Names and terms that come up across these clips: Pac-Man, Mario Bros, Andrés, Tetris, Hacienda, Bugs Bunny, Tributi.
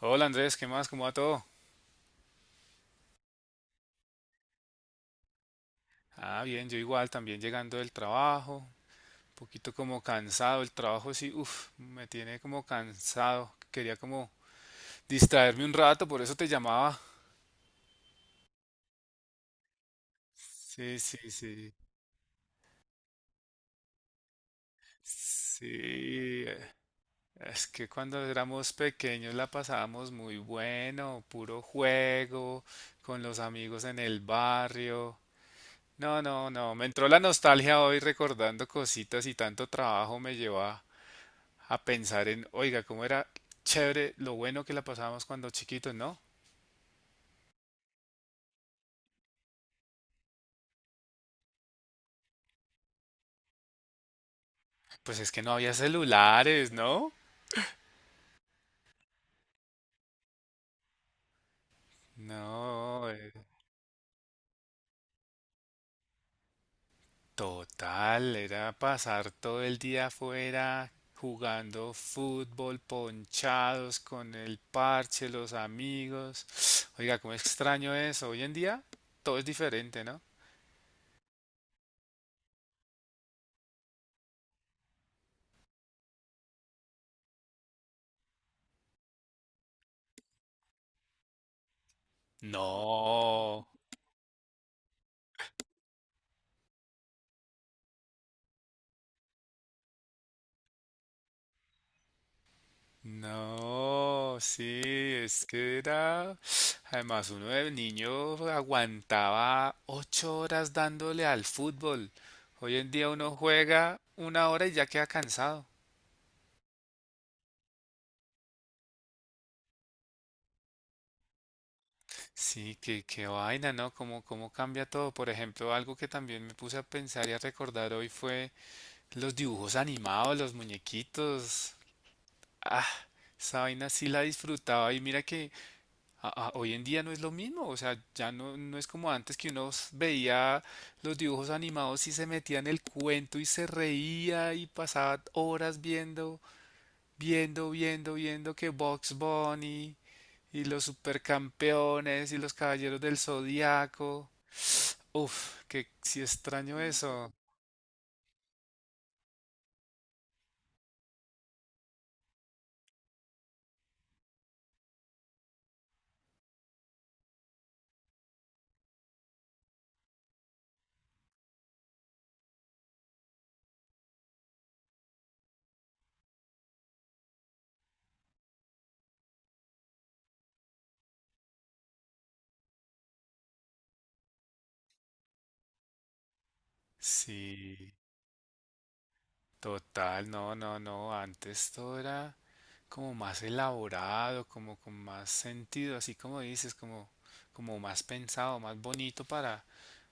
Hola Andrés, ¿qué más? ¿Cómo va todo? Ah, bien, yo igual, también llegando del trabajo, un poquito como cansado, el trabajo sí, uff, me tiene como cansado, quería como distraerme un rato, por eso te llamaba. Sí, sí, sí, sí, es que cuando éramos pequeños la pasábamos muy bueno, puro juego, con los amigos en el barrio. No, no, no, me entró la nostalgia hoy recordando cositas y tanto trabajo me llevó a pensar en, oiga, cómo era chévere lo bueno que la pasábamos cuando chiquitos, ¿no? Pues es que no había celulares, ¿no? No, total, era pasar todo el día afuera jugando fútbol, ponchados con el parche, los amigos. Oiga, cómo extraño eso. Hoy en día todo es diferente, ¿no? No. No, sí, es que era... Además, uno de niño aguantaba 8 horas dándole al fútbol. Hoy en día uno juega una hora y ya queda cansado. Sí, qué, qué vaina, ¿no? ¿Cómo, cómo cambia todo? Por ejemplo, algo que también me puse a pensar y a recordar hoy fue los dibujos animados, los muñequitos. Ah, esa vaina sí la disfrutaba y mira que hoy en día no es lo mismo, o sea, ya no, no es como antes que uno veía los dibujos animados y se metía en el cuento y se reía y pasaba horas viendo, viendo, viendo, viendo que Bugs Bunny y los supercampeones y los caballeros del Zodiaco. Uf, que sí extraño eso. Sí, total, no, no, no, antes todo era como más elaborado, como con más sentido, así como dices, como, como más pensado, más bonito para,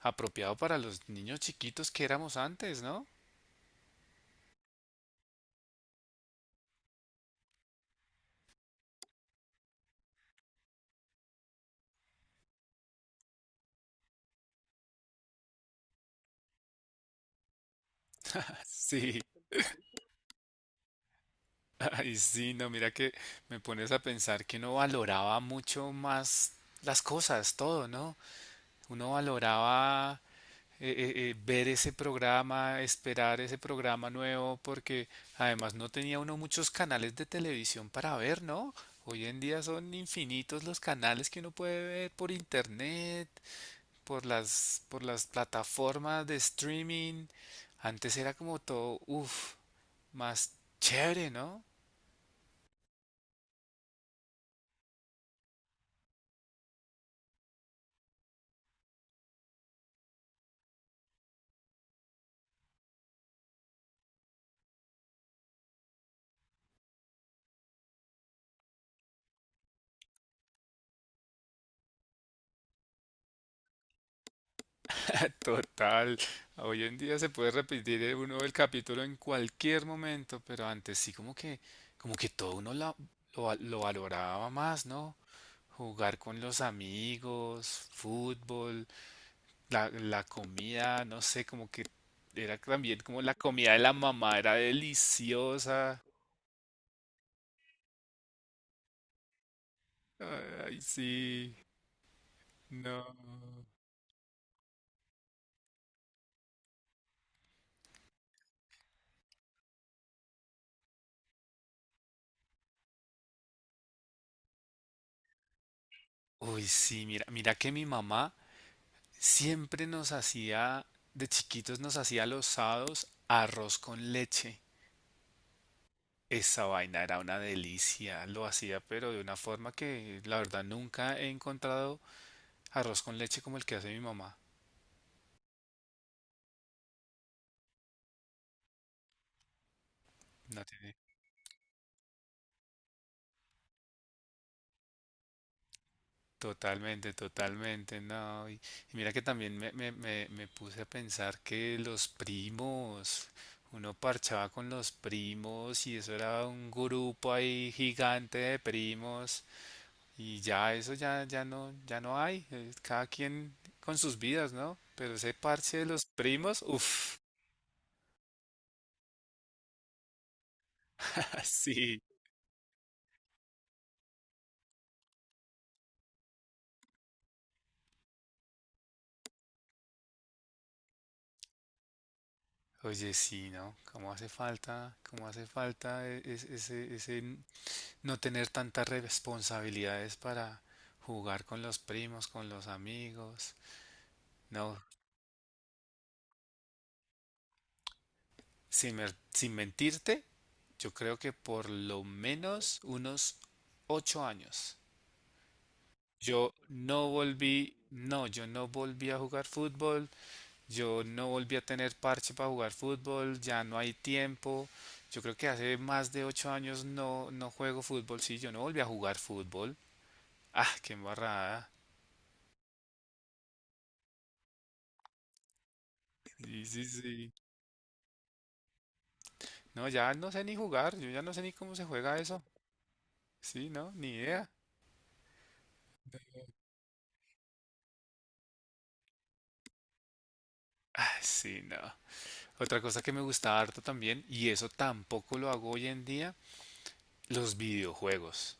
apropiado para los niños chiquitos que éramos antes, ¿no? Sí, ay, sí, no, mira que me pones a pensar que uno valoraba mucho más las cosas, todo, ¿no? Uno valoraba eh, ver ese programa, esperar ese programa nuevo, porque además no tenía uno muchos canales de televisión para ver, ¿no? Hoy en día son infinitos los canales que uno puede ver por internet, por las plataformas de streaming. Antes era como todo, uff, más chévere, ¿no? Total, hoy en día se puede repetir uno el capítulo en cualquier momento, pero antes sí como que todo uno lo valoraba más, ¿no? Jugar con los amigos, fútbol, la comida, no sé, como que era también como la comida de la mamá, era deliciosa. Ay, sí, no. Uy, sí, mira que mi mamá siempre nos hacía, de chiquitos nos hacía los sábados arroz con leche. Esa vaina era una delicia, lo hacía pero de una forma que la verdad nunca he encontrado arroz con leche como el que hace mi mamá. No tiene- Totalmente, totalmente, no. Y mira que también me puse a pensar que los primos, uno parchaba con los primos y eso era un grupo ahí gigante de primos. Y ya eso ya no hay. Cada quien con sus vidas, ¿no? Pero ese parche de los primos, uff, sí. Oye, sí, ¿no? Cómo hace falta ese no tener tantas responsabilidades para jugar con los primos, con los amigos? No, sin mentirte, yo creo que por lo menos unos 8 años. Yo no volví, no, yo no volví a jugar fútbol. Yo no volví a tener parche para jugar fútbol, ya no hay tiempo. Yo creo que hace más de 8 años no, no juego fútbol, sí, yo no volví a jugar fútbol. Ah, qué embarrada. Sí, sí, sí. No, ya no sé ni jugar, yo ya no sé ni cómo se juega eso. Sí, no, ni idea. Ah, sí, no. Otra cosa que me gustaba harto también, y eso tampoco lo hago hoy en día, los videojuegos.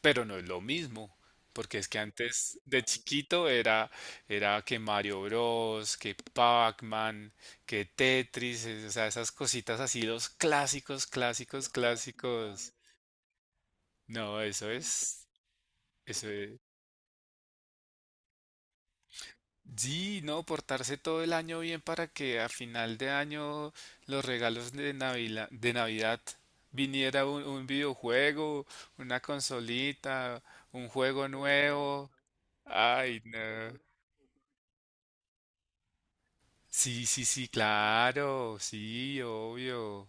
Pero no es lo mismo, porque es que antes de chiquito era, que Mario Bros, que Pac-Man, que Tetris, o sea, esas cositas así, los clásicos, clásicos, clásicos. No, eso es, eso es. Sí, no, portarse todo el año bien para que a final de año los regalos de Navidad viniera un videojuego, una consolita, un juego nuevo. Ay, no. Sí, sí, sí, claro, sí, obvio.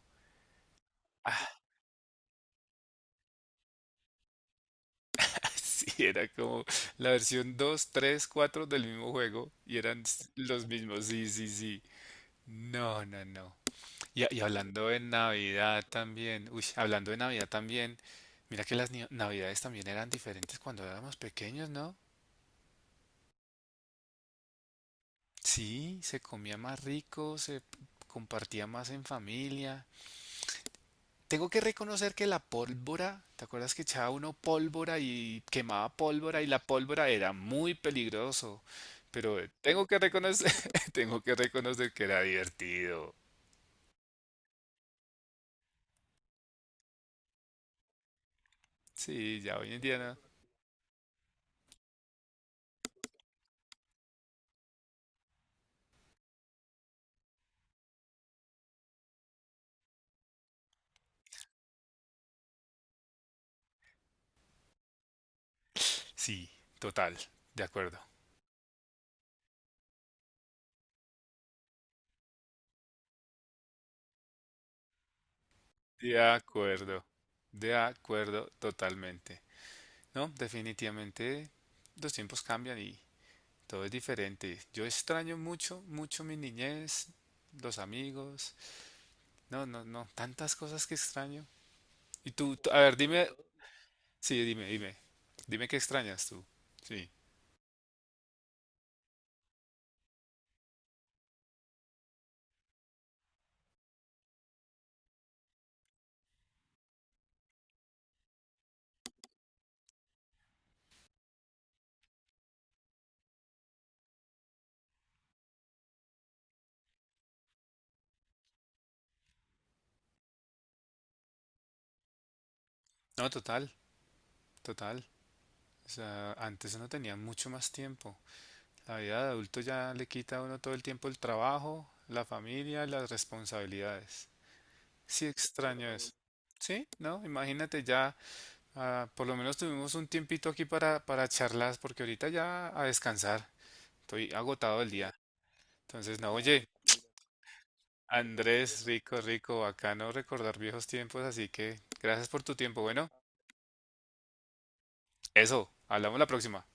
Ah, sí, era como la versión 2, 3, 4 del mismo juego y eran los mismos, sí, sí, sí. No, no, no. Y hablando de Navidad también, uy, hablando de Navidad también, mira que las Navidades también eran diferentes cuando éramos pequeños, ¿no? Sí, se comía más rico, se compartía más en familia. Tengo que reconocer que la pólvora, ¿te acuerdas que echaba uno pólvora y quemaba pólvora y la pólvora era muy peligroso? Pero tengo que reconocer, tengo que reconocer que era divertido. Sí, ya hoy en día no. Sí, total, de acuerdo. De acuerdo, de acuerdo totalmente. No, definitivamente los tiempos cambian y todo es diferente. Yo extraño mucho, mucho mi niñez, los amigos. No, no, no, tantas cosas que extraño. Y a ver, dime, sí, dime, dime, dime qué extrañas tú. Sí, no, total, total. O sea, antes uno tenía mucho más tiempo. La vida de adulto ya le quita a uno todo el tiempo el trabajo, la familia, las responsabilidades. Sí extraño eso. Sí, no, imagínate ya, ah, por lo menos tuvimos un tiempito aquí para charlas, porque ahorita ya a descansar. Estoy agotado el día. Entonces, no, oye. Andrés, rico, rico, bacano recordar viejos tiempos, así que gracias por tu tiempo. Bueno, eso, hablamos la próxima.